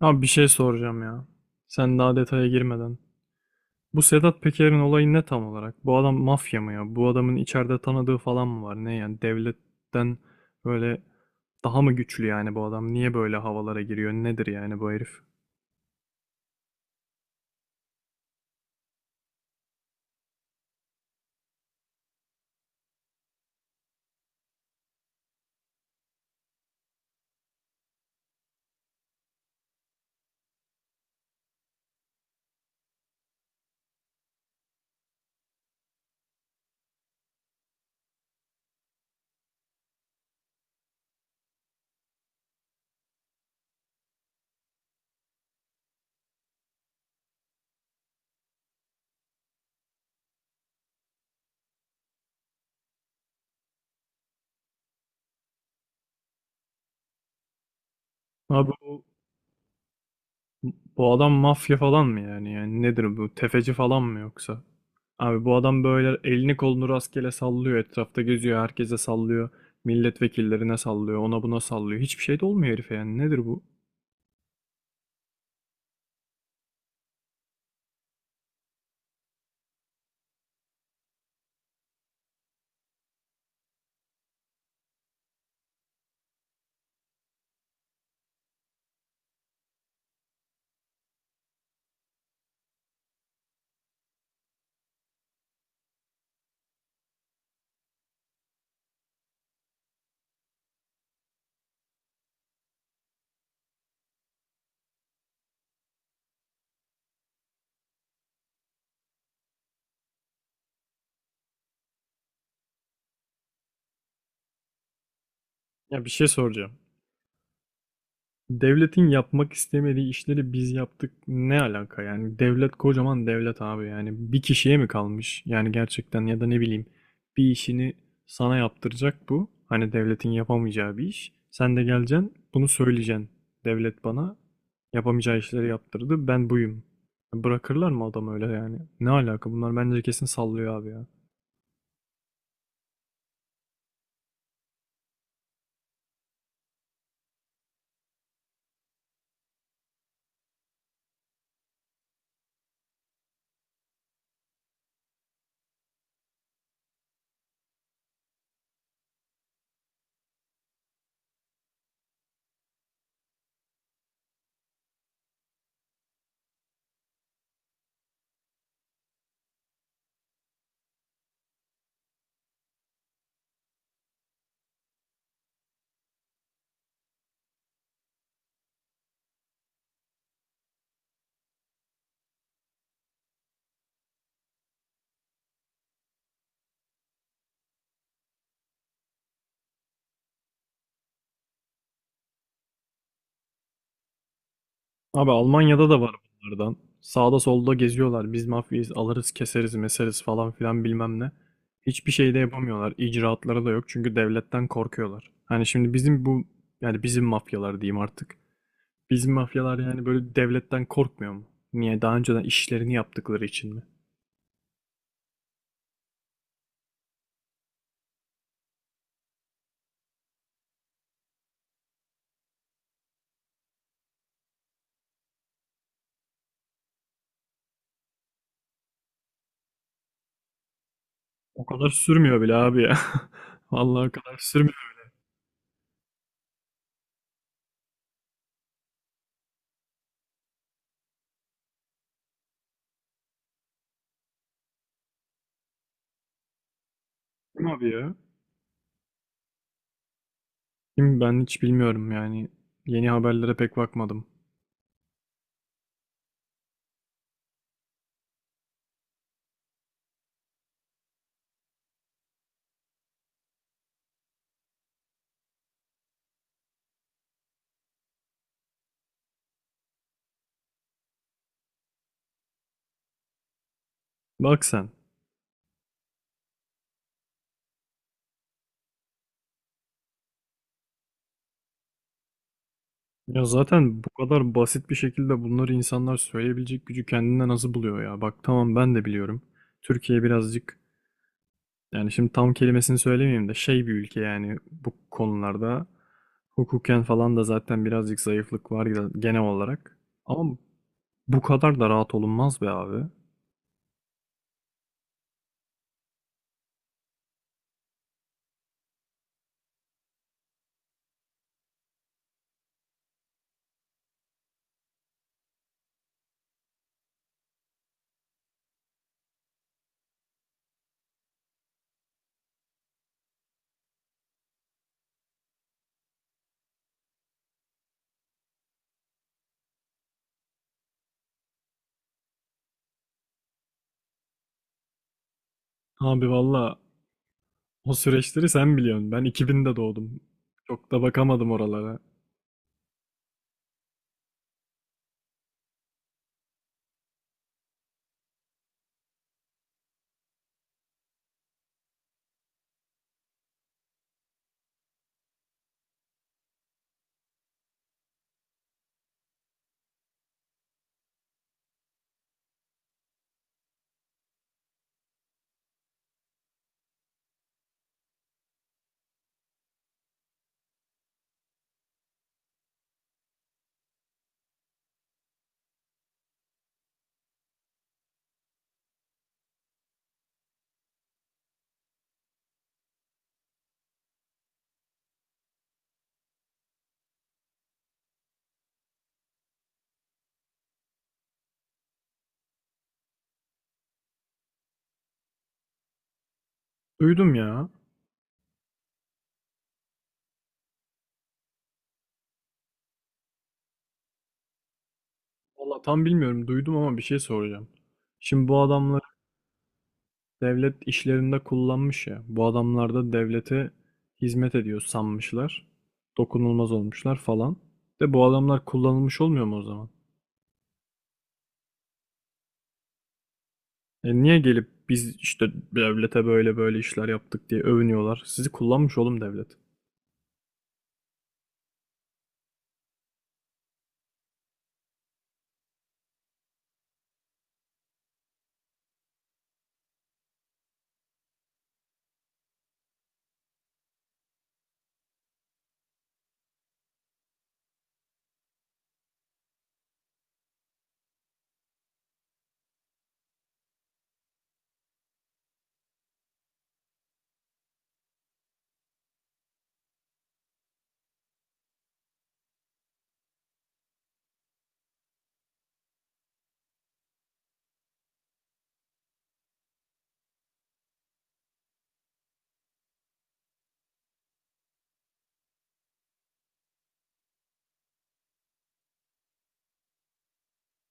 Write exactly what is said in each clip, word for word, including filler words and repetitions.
Abi bir şey soracağım ya. Sen daha detaya girmeden. Bu Sedat Peker'in olayı ne tam olarak? Bu adam mafya mı ya? Bu adamın içeride tanıdığı falan mı var? Ne yani devletten böyle daha mı güçlü yani bu adam? Niye böyle havalara giriyor? Nedir yani bu herif? Abi bu, bu adam mafya falan mı yani? Yani nedir bu? Tefeci falan mı yoksa? Abi bu adam böyle elini kolunu rastgele sallıyor. Etrafta geziyor. Herkese sallıyor. Milletvekillerine sallıyor. Ona buna sallıyor. Hiçbir şey de olmuyor herife yani. Nedir bu? Ya bir şey soracağım. Devletin yapmak istemediği işleri biz yaptık. Ne alaka yani? Devlet kocaman devlet abi yani. Bir kişiye mi kalmış? Yani gerçekten ya da ne bileyim bir işini sana yaptıracak bu. Hani devletin yapamayacağı bir iş. Sen de geleceksin bunu söyleyeceksin. Devlet bana yapamayacağı işleri yaptırdı. Ben buyum. Bırakırlar mı adam öyle yani? Ne alaka? Bunlar bence kesin sallıyor abi ya. Abi Almanya'da da var bunlardan. Sağda solda geziyorlar. Biz mafyayız, alırız, keseriz, meseriz falan filan bilmem ne. Hiçbir şey de yapamıyorlar. İcraatları da yok çünkü devletten korkuyorlar. Hani şimdi bizim bu yani bizim mafyalar diyeyim artık. Bizim mafyalar yani böyle devletten korkmuyor mu? Niye? Daha önceden işlerini yaptıkları için mi? O kadar sürmüyor bile abi ya. Vallahi o kadar sürmüyor, değil mi abi ya? Şimdi ben hiç bilmiyorum yani. Yeni haberlere pek bakmadım. Bak sen. Ya zaten bu kadar basit bir şekilde bunları insanlar söyleyebilecek gücü kendinde nasıl buluyor ya? Bak tamam ben de biliyorum. Türkiye birazcık yani şimdi tam kelimesini söylemeyeyim de şey bir ülke yani bu konularda hukuken falan da zaten birazcık zayıflık var ya genel olarak. Ama bu kadar da rahat olunmaz be abi. Abi valla o süreçleri sen biliyorsun. Ben iki binde doğdum. Çok da bakamadım oralara. Duydum ya. Valla tam bilmiyorum duydum ama bir şey soracağım. Şimdi bu adamlar devlet işlerinde kullanmış ya. Bu adamlar da devlete hizmet ediyor sanmışlar. Dokunulmaz olmuşlar falan. De bu adamlar kullanılmış olmuyor mu o zaman? E niye gelip biz işte devlete böyle böyle işler yaptık diye övünüyorlar? Sizi kullanmış oğlum devlet.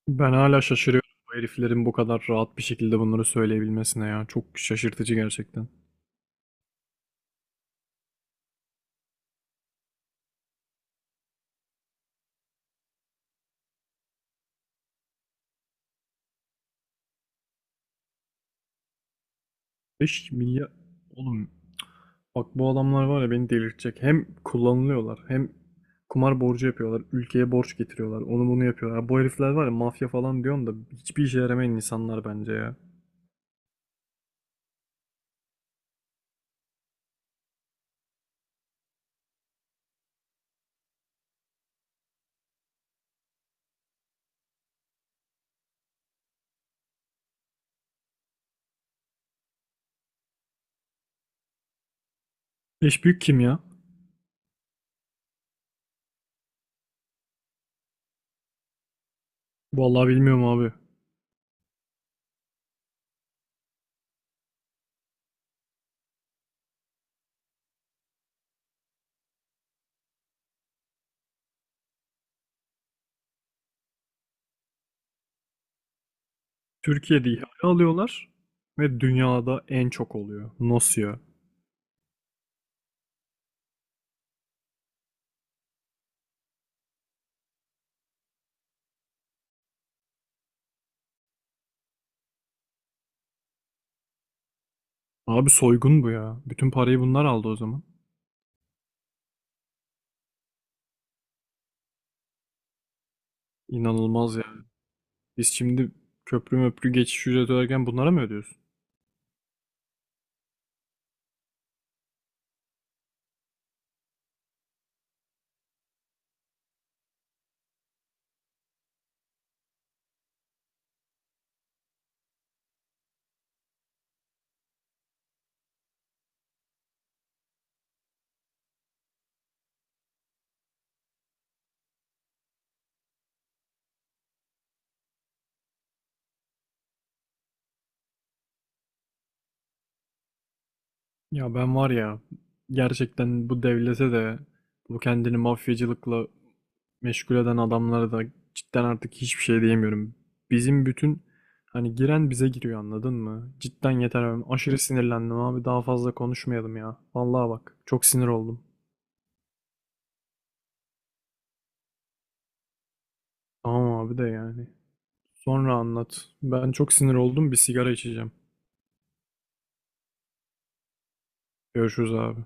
Ben hala şaşırıyorum bu heriflerin bu kadar rahat bir şekilde bunları söyleyebilmesine ya. Çok şaşırtıcı gerçekten. beş milyar oğlum bak bu adamlar var ya beni delirtecek. Hem kullanılıyorlar hem kumar borcu yapıyorlar. Ülkeye borç getiriyorlar. Onu bunu yapıyorlar. Bu herifler var ya mafya falan diyorum da hiçbir işe yaramayan insanlar bence ya. Eş büyük kim ya? Vallahi bilmiyorum abi. Türkiye'de ihale alıyorlar ve dünyada en çok oluyor. Nasıl ya? Abi soygun bu ya. Bütün parayı bunlar aldı o zaman. İnanılmaz ya. Biz şimdi köprü möprü geçiş ücreti öderken bunlara mı ödüyoruz? Ya ben var ya gerçekten bu devlete de bu kendini mafyacılıkla meşgul eden adamlara da cidden artık hiçbir şey diyemiyorum. Bizim bütün hani giren bize giriyor anladın mı? Cidden yeter abi. Aşırı sinirlendim abi. Daha fazla konuşmayalım ya. Vallahi bak çok sinir oldum. Tamam abi de yani. Sonra anlat. Ben çok sinir oldum. Bir sigara içeceğim. Görüşürüz abi.